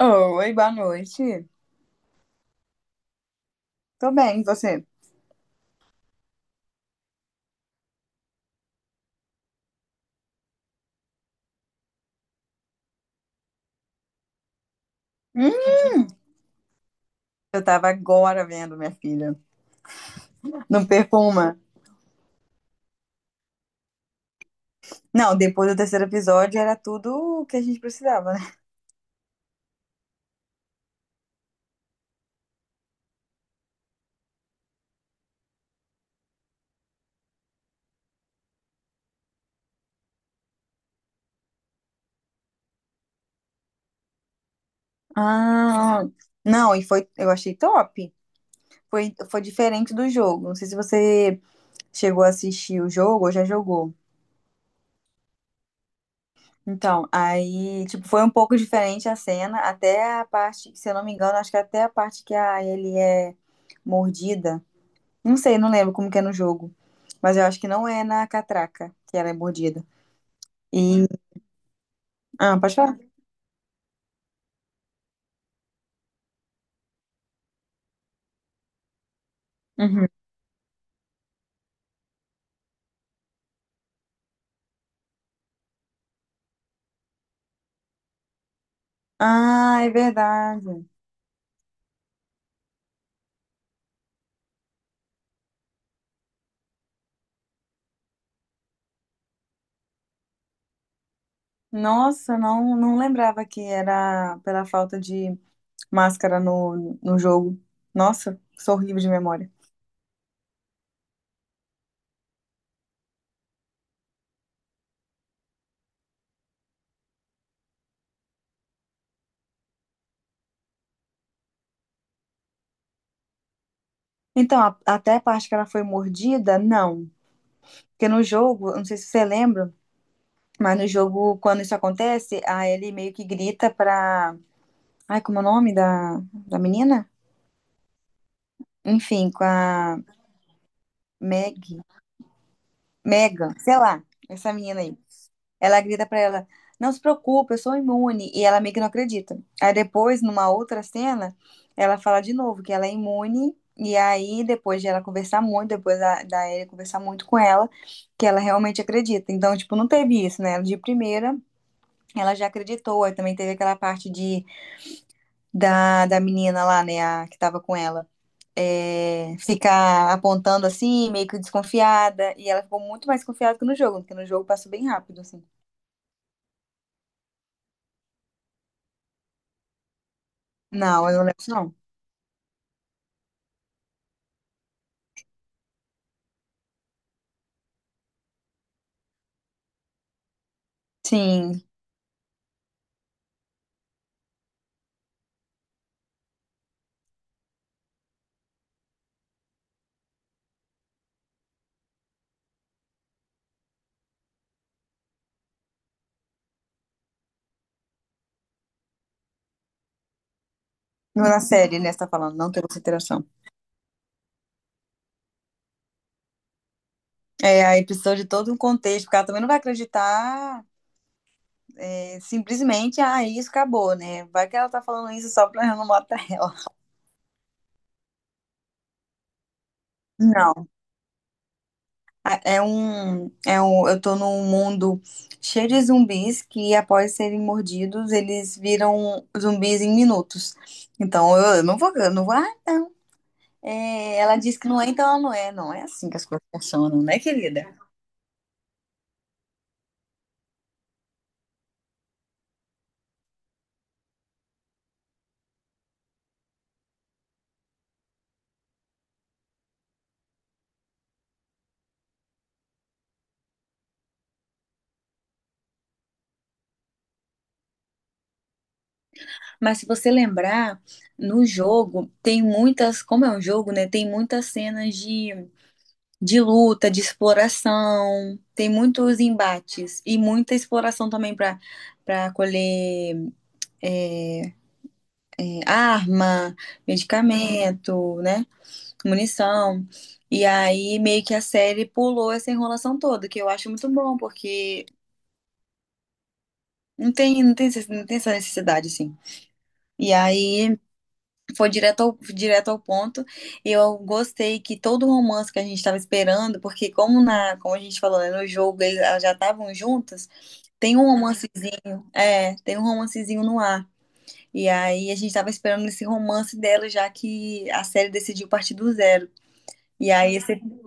Oi, boa noite. Tô bem, e você? Hum, eu tava agora vendo, minha filha. Não perco uma. Não, depois do terceiro episódio era tudo o que a gente precisava, né? Ah, não, e foi, eu achei top. Foi diferente do jogo. Não sei se você chegou a assistir o jogo ou já jogou. Então, aí, tipo, foi um pouco diferente a cena, até a parte, se eu não me engano, acho que até a parte que a ele é mordida. Não sei, não lembro como que é no jogo. Mas eu acho que não é na catraca que ela é mordida. E. Ah, pode falar? Uhum. Ah, é verdade. Nossa, não lembrava que era pela falta de máscara no jogo. Nossa, sou horrível de memória. Então, até a parte que ela foi mordida, não. Porque no jogo, eu não sei se você lembra, mas no jogo, quando isso acontece, a Ellie meio que grita pra. Ai, como é o nome da menina? Enfim, com a Meg. Megan, sei lá, essa menina aí. Ela grita pra ela: Não se preocupe, eu sou imune. E ela meio que não acredita. Aí depois, numa outra cena, ela fala de novo que ela é imune. E aí, depois de ela conversar muito, depois da Ellie conversar muito com ela, que ela realmente acredita. Então, tipo, não teve isso, né? De primeira, ela já acreditou. Aí também teve aquela parte de, da menina lá, né? A, que tava com ela é, ficar apontando assim, meio que desconfiada. E ela ficou muito mais confiada que no jogo, porque no jogo passou bem rápido, assim. Não, eu não lembro, não. Sim, não na série, né? Você tá falando, não teve essa interação. É, aí precisou de todo um contexto, porque ela também não vai acreditar é, simplesmente, ah, isso acabou, né? Vai que ela tá falando isso só pra eu não matar ela. Não. É um, eu tô num mundo cheio de zumbis que, após serem mordidos, eles viram zumbis em minutos. Então eu não vou, ah, não. É, ela disse que não é, então ela não é. Não é assim que as coisas funcionam, né, querida? Mas se você lembrar, no jogo tem muitas, como é um jogo, né? Tem muitas cenas de luta, de exploração, tem muitos embates e muita exploração também para colher. É, é, arma, medicamento, né? Munição. E aí meio que a série pulou essa enrolação toda, que eu acho muito bom, porque não tem, não tem essa necessidade, assim. E aí foi direto ao ponto. E eu gostei que todo o romance que a gente estava esperando, porque como na, como a gente falou, né, no jogo elas já estavam juntas, tem um romancezinho, é, tem um romancezinho no ar. E aí a gente estava esperando esse romance dela, já que a série decidiu partir do zero. E aí você, o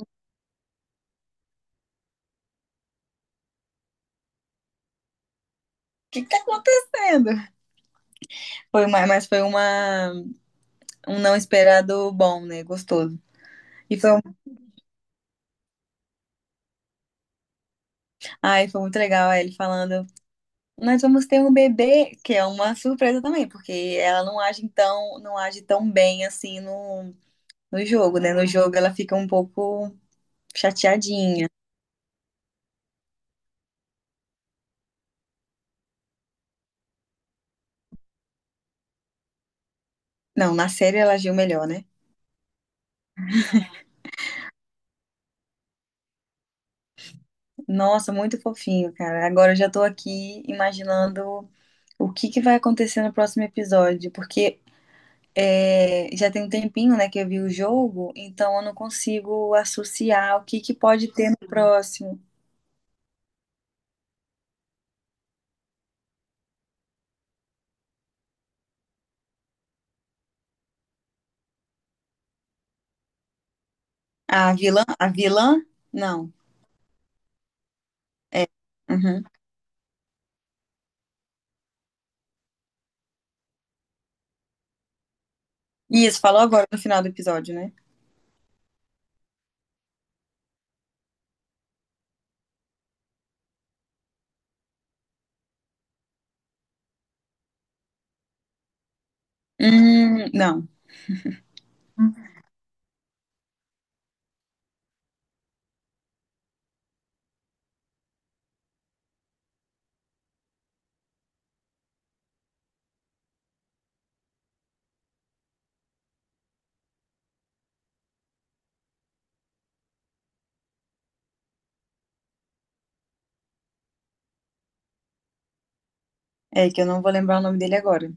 que que tá acontecendo? Foi uma, mas foi uma, um não esperado bom, né? Gostoso. E foi, ai, foi muito legal aí ele falando, nós vamos ter um bebê, que é uma surpresa também, porque ela não age tão, não age tão bem assim no, no jogo, né? No jogo ela fica um pouco chateadinha. Não, na série ela agiu melhor, né? Nossa, muito fofinho, cara. Agora eu já tô aqui imaginando o que que vai acontecer no próximo episódio, porque é, já tem um tempinho, né, que eu vi o jogo, então eu não consigo associar o que que pode ter no próximo. A vilã? A vilã? Não. Uhum. Isso, falou agora no final do episódio, né? Não. É que eu não vou lembrar o nome dele agora.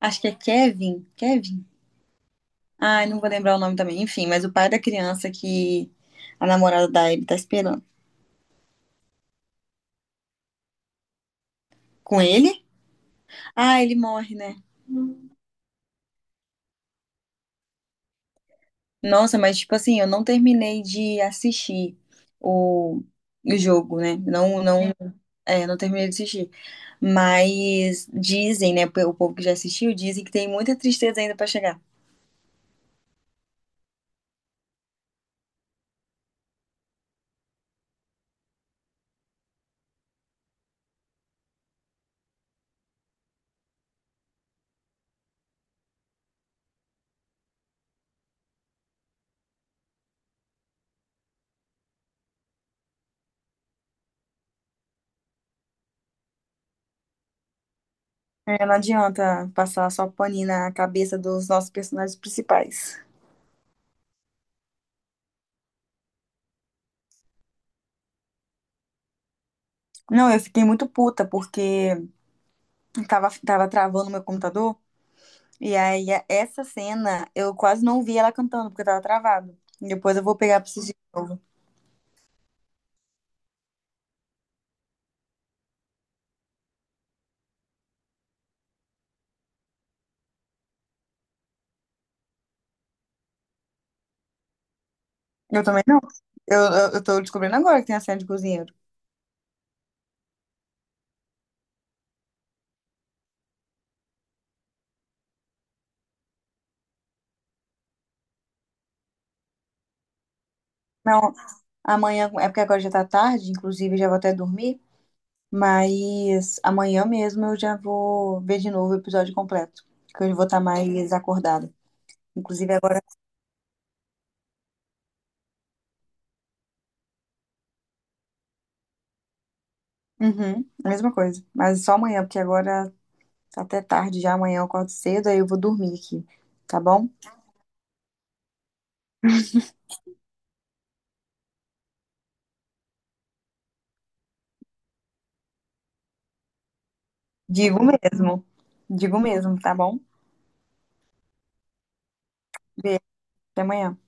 Acho que é Kevin. Kevin? Ai, não vou lembrar o nome também. Enfim, mas o pai da criança que a namorada da Ellie tá esperando. Com ele? Ah, ele morre, né? Nossa, mas tipo assim, eu não terminei de assistir o, o jogo, né? Não, é, não terminei de assistir. Mas dizem, né? O povo que já assistiu dizem que tem muita tristeza ainda pra chegar. É, não adianta passar só paninho na cabeça dos nossos personagens principais. Não, eu fiquei muito puta porque tava travando meu computador. E aí, essa cena, eu quase não vi ela cantando, porque tava travado. Depois eu vou pegar pra assistir. Eu também não. Eu tô descobrindo agora que tem a cena de cozinheiro. Não, amanhã, é porque agora já tá tarde, inclusive já vou até dormir, mas amanhã mesmo eu já vou ver de novo o episódio completo, que eu vou estar mais acordada. Inclusive agora, uhum, a mesma coisa, mas só amanhã, porque agora tá até tarde já, amanhã eu acordo cedo, aí eu vou dormir aqui, tá bom? Digo mesmo, digo mesmo, tá bom? Beijo, até amanhã.